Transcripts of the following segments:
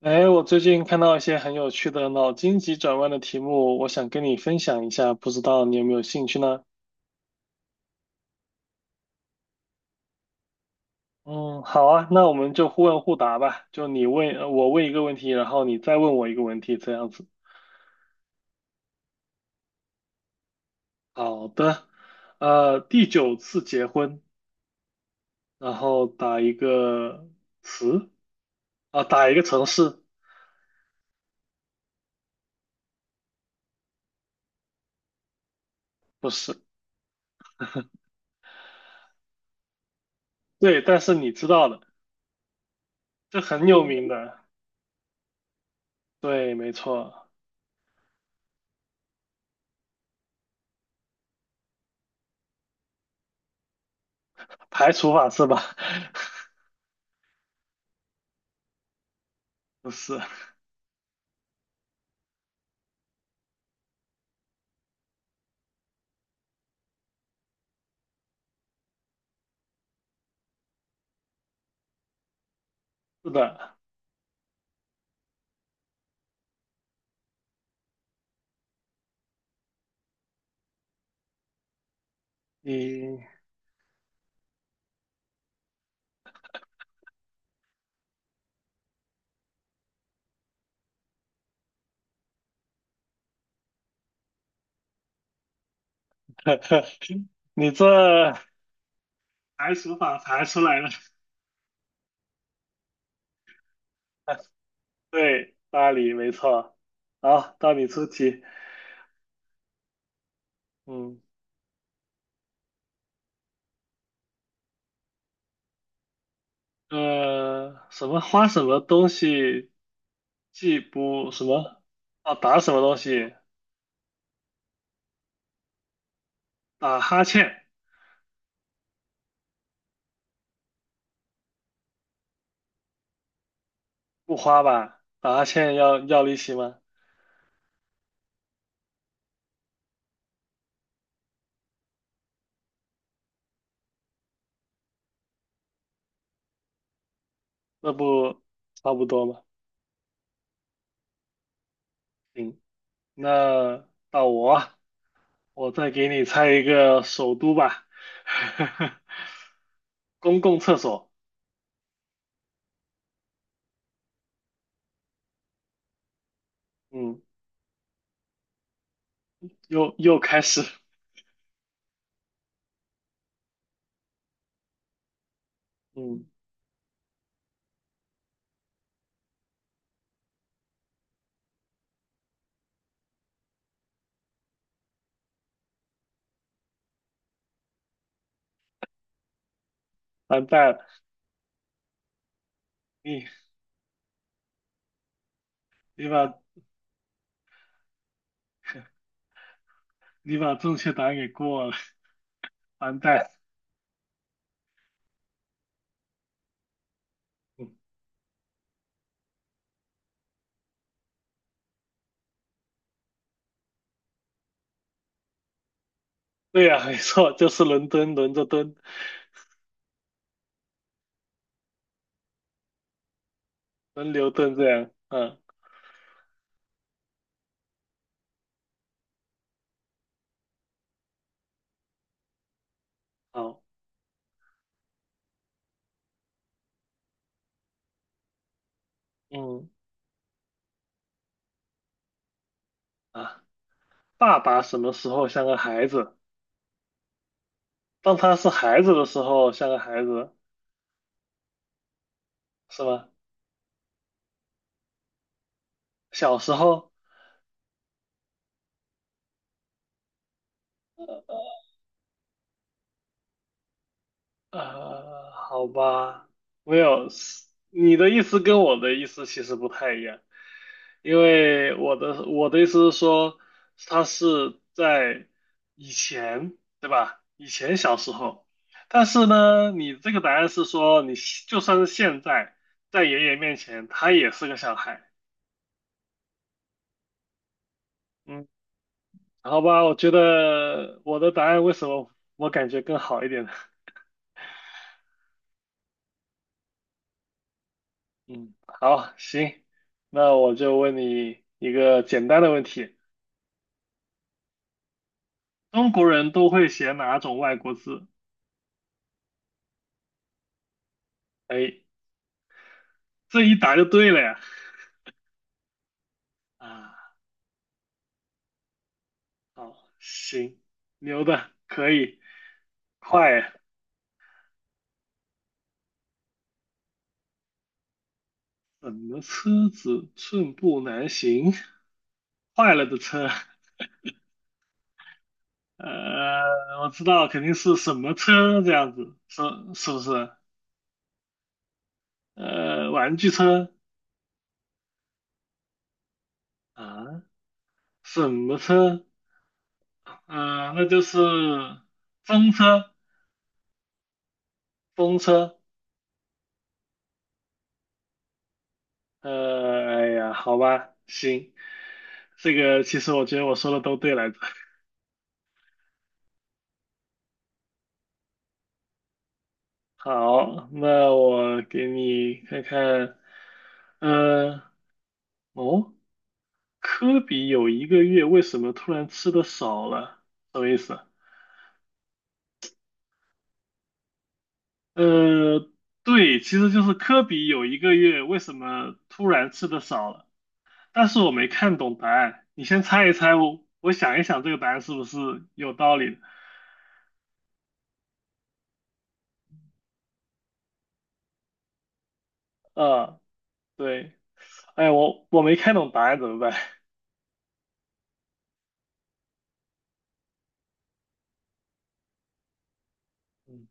哎，我最近看到一些很有趣的脑筋急转弯的题目，我想跟你分享一下，不知道你有没有兴趣呢？嗯，好啊，那我们就互问互答吧，就你问，我问一个问题，然后你再问我一个问题，这样子。好的，第九次结婚，然后打一个词，啊，打一个城市，不是，对，但是你知道的，这很有名的，对，没错，排除法是吧？不是，是的。你 你这排除法排出来了，对，巴黎没错。好，到你出题。嗯，什么花什么东西既不什么啊打什么东西打哈欠不花吧？打哈欠要利息吗？那不差不多吗？行，那到我啊，我再给你猜一个首都吧，哈哈，公共厕所。嗯。又开始，嗯，完蛋了，你你把你把正确答案给过了，完蛋。嗯 对呀，没错，就是伦敦轮着蹲，轮流蹲这样。嗯，好，嗯啊，爸爸什么时候像个孩子？当他是孩子的时候像个孩子，是吧？小时候，呃，好吧，没有，你的意思跟我的意思其实不太一样。因为我的意思是说，他是在以前，对吧？以前小时候，但是呢，你这个答案是说，你现就算是现在，在爷爷面前，他也是个小孩。嗯，好吧，我觉得我的答案为什么我感觉更好一点呢？嗯，好，行，那我就问你一个简单的问题：中国人都会写哪种外国字？哎，这一答就对了呀。啊。好，行，牛的，可以，快，怎么车子寸步难行？坏了的车，呃，我知道肯定是什么车这样子，是是不是？呃，玩具车啊，什么车？呃，那就是风车，风车。呃，哎呀，好吧，行，这个其实我觉得我说的都对来着。好，那我给你看看，嗯，哦，科比有一个月为什么突然吃的少了？什么意思啊？呃，对，其实就是科比有一个月为什么突然吃的少了，但是我没看懂答案，你先猜一猜，我想一想这个答案是不是有道理的？呃，对，哎，我没看懂答案怎么办？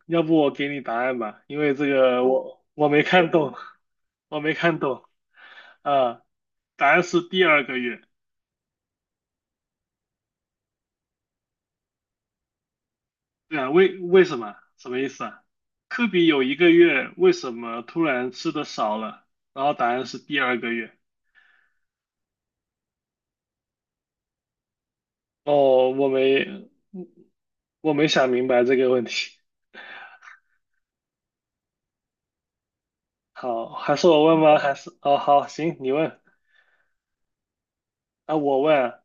要不我给你答案吧，因为这个我没看懂，我没看懂。啊，答案是第二个月。对啊，为什么？什么意思啊？科比有一个月，为什么突然吃的少了？然后答案是第二个月。哦，我没，我没想明白这个问题。好，还是我问吗？还是哦，好，行，你问啊，我问啊，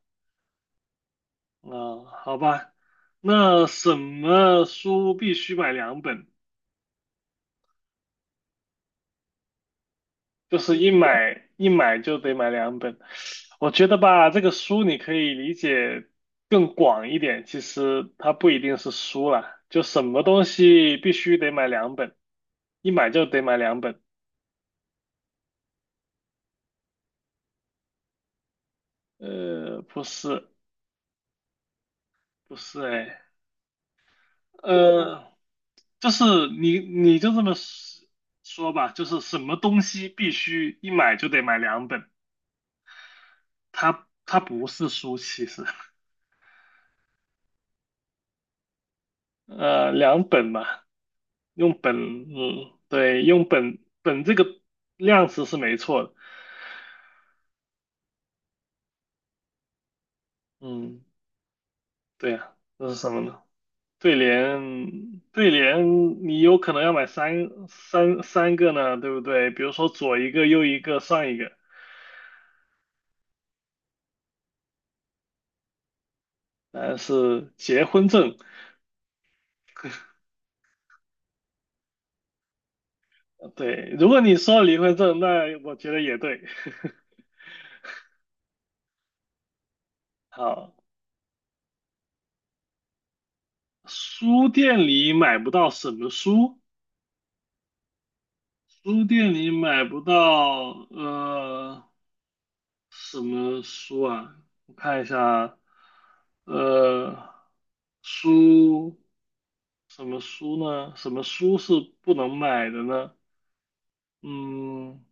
嗯好吧。那什么书必须买两本？就是一买就得买两本。我觉得吧，这个书你可以理解更广一点，其实它不一定是书啦，就什么东西必须得买两本，一买就得买两本。呃，不是，不是，哎，呃，就是你就这么说吧，就是什么东西必须一买就得买两本，它不是书，其实。呃，两本嘛，用本，嗯，对，用本这个量词是没错的，嗯，对呀，这是什么呢？对联，对联，你有可能要买三个呢，对不对？比如说左一个，右一个，上一个，但是结婚证，对，如果你说离婚证，那我觉得也对。好，书店里买不到什么书？书店里买不到，呃。什么书啊？我看一下，呃，书什么书呢？什么书是不能买的呢？嗯，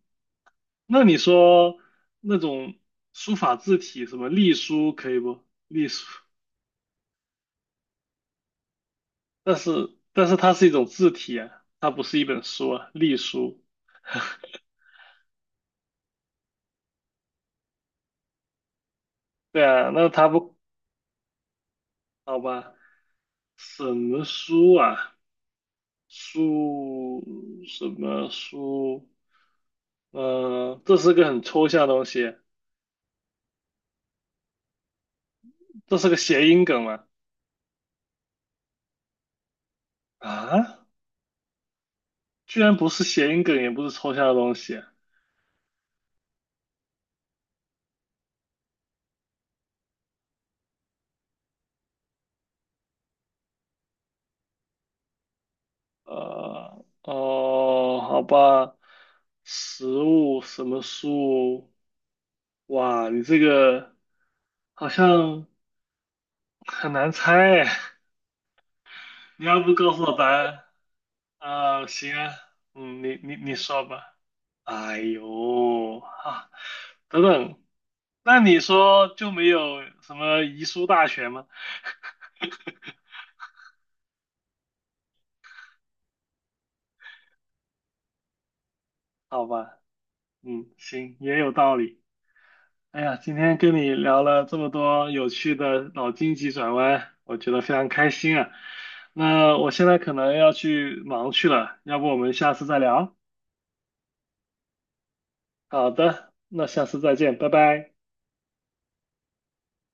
那你说那种书法字体，什么隶书可以不？隶书，但是它是一种字体啊，它不是一本书啊，隶书。对啊，那它不好吧？什么书啊？书什么书？呃，这是个很抽象的东西，这是个谐音梗吗？啊，居然不是谐音梗，也不是抽象的东西。呃，哦，好吧，食物什么树？哇，你这个好像很难猜哎。你要不告诉我答案？啊，行啊，嗯，你说吧。哎呦，啊，等等，那你说就没有什么遗书大全吗？好吧。嗯，行，也有道理。哎呀，今天跟你聊了这么多有趣的脑筋急转弯，我觉得非常开心啊。那我现在可能要去忙去了，要不我们下次再聊？好的，那下次再见，拜拜。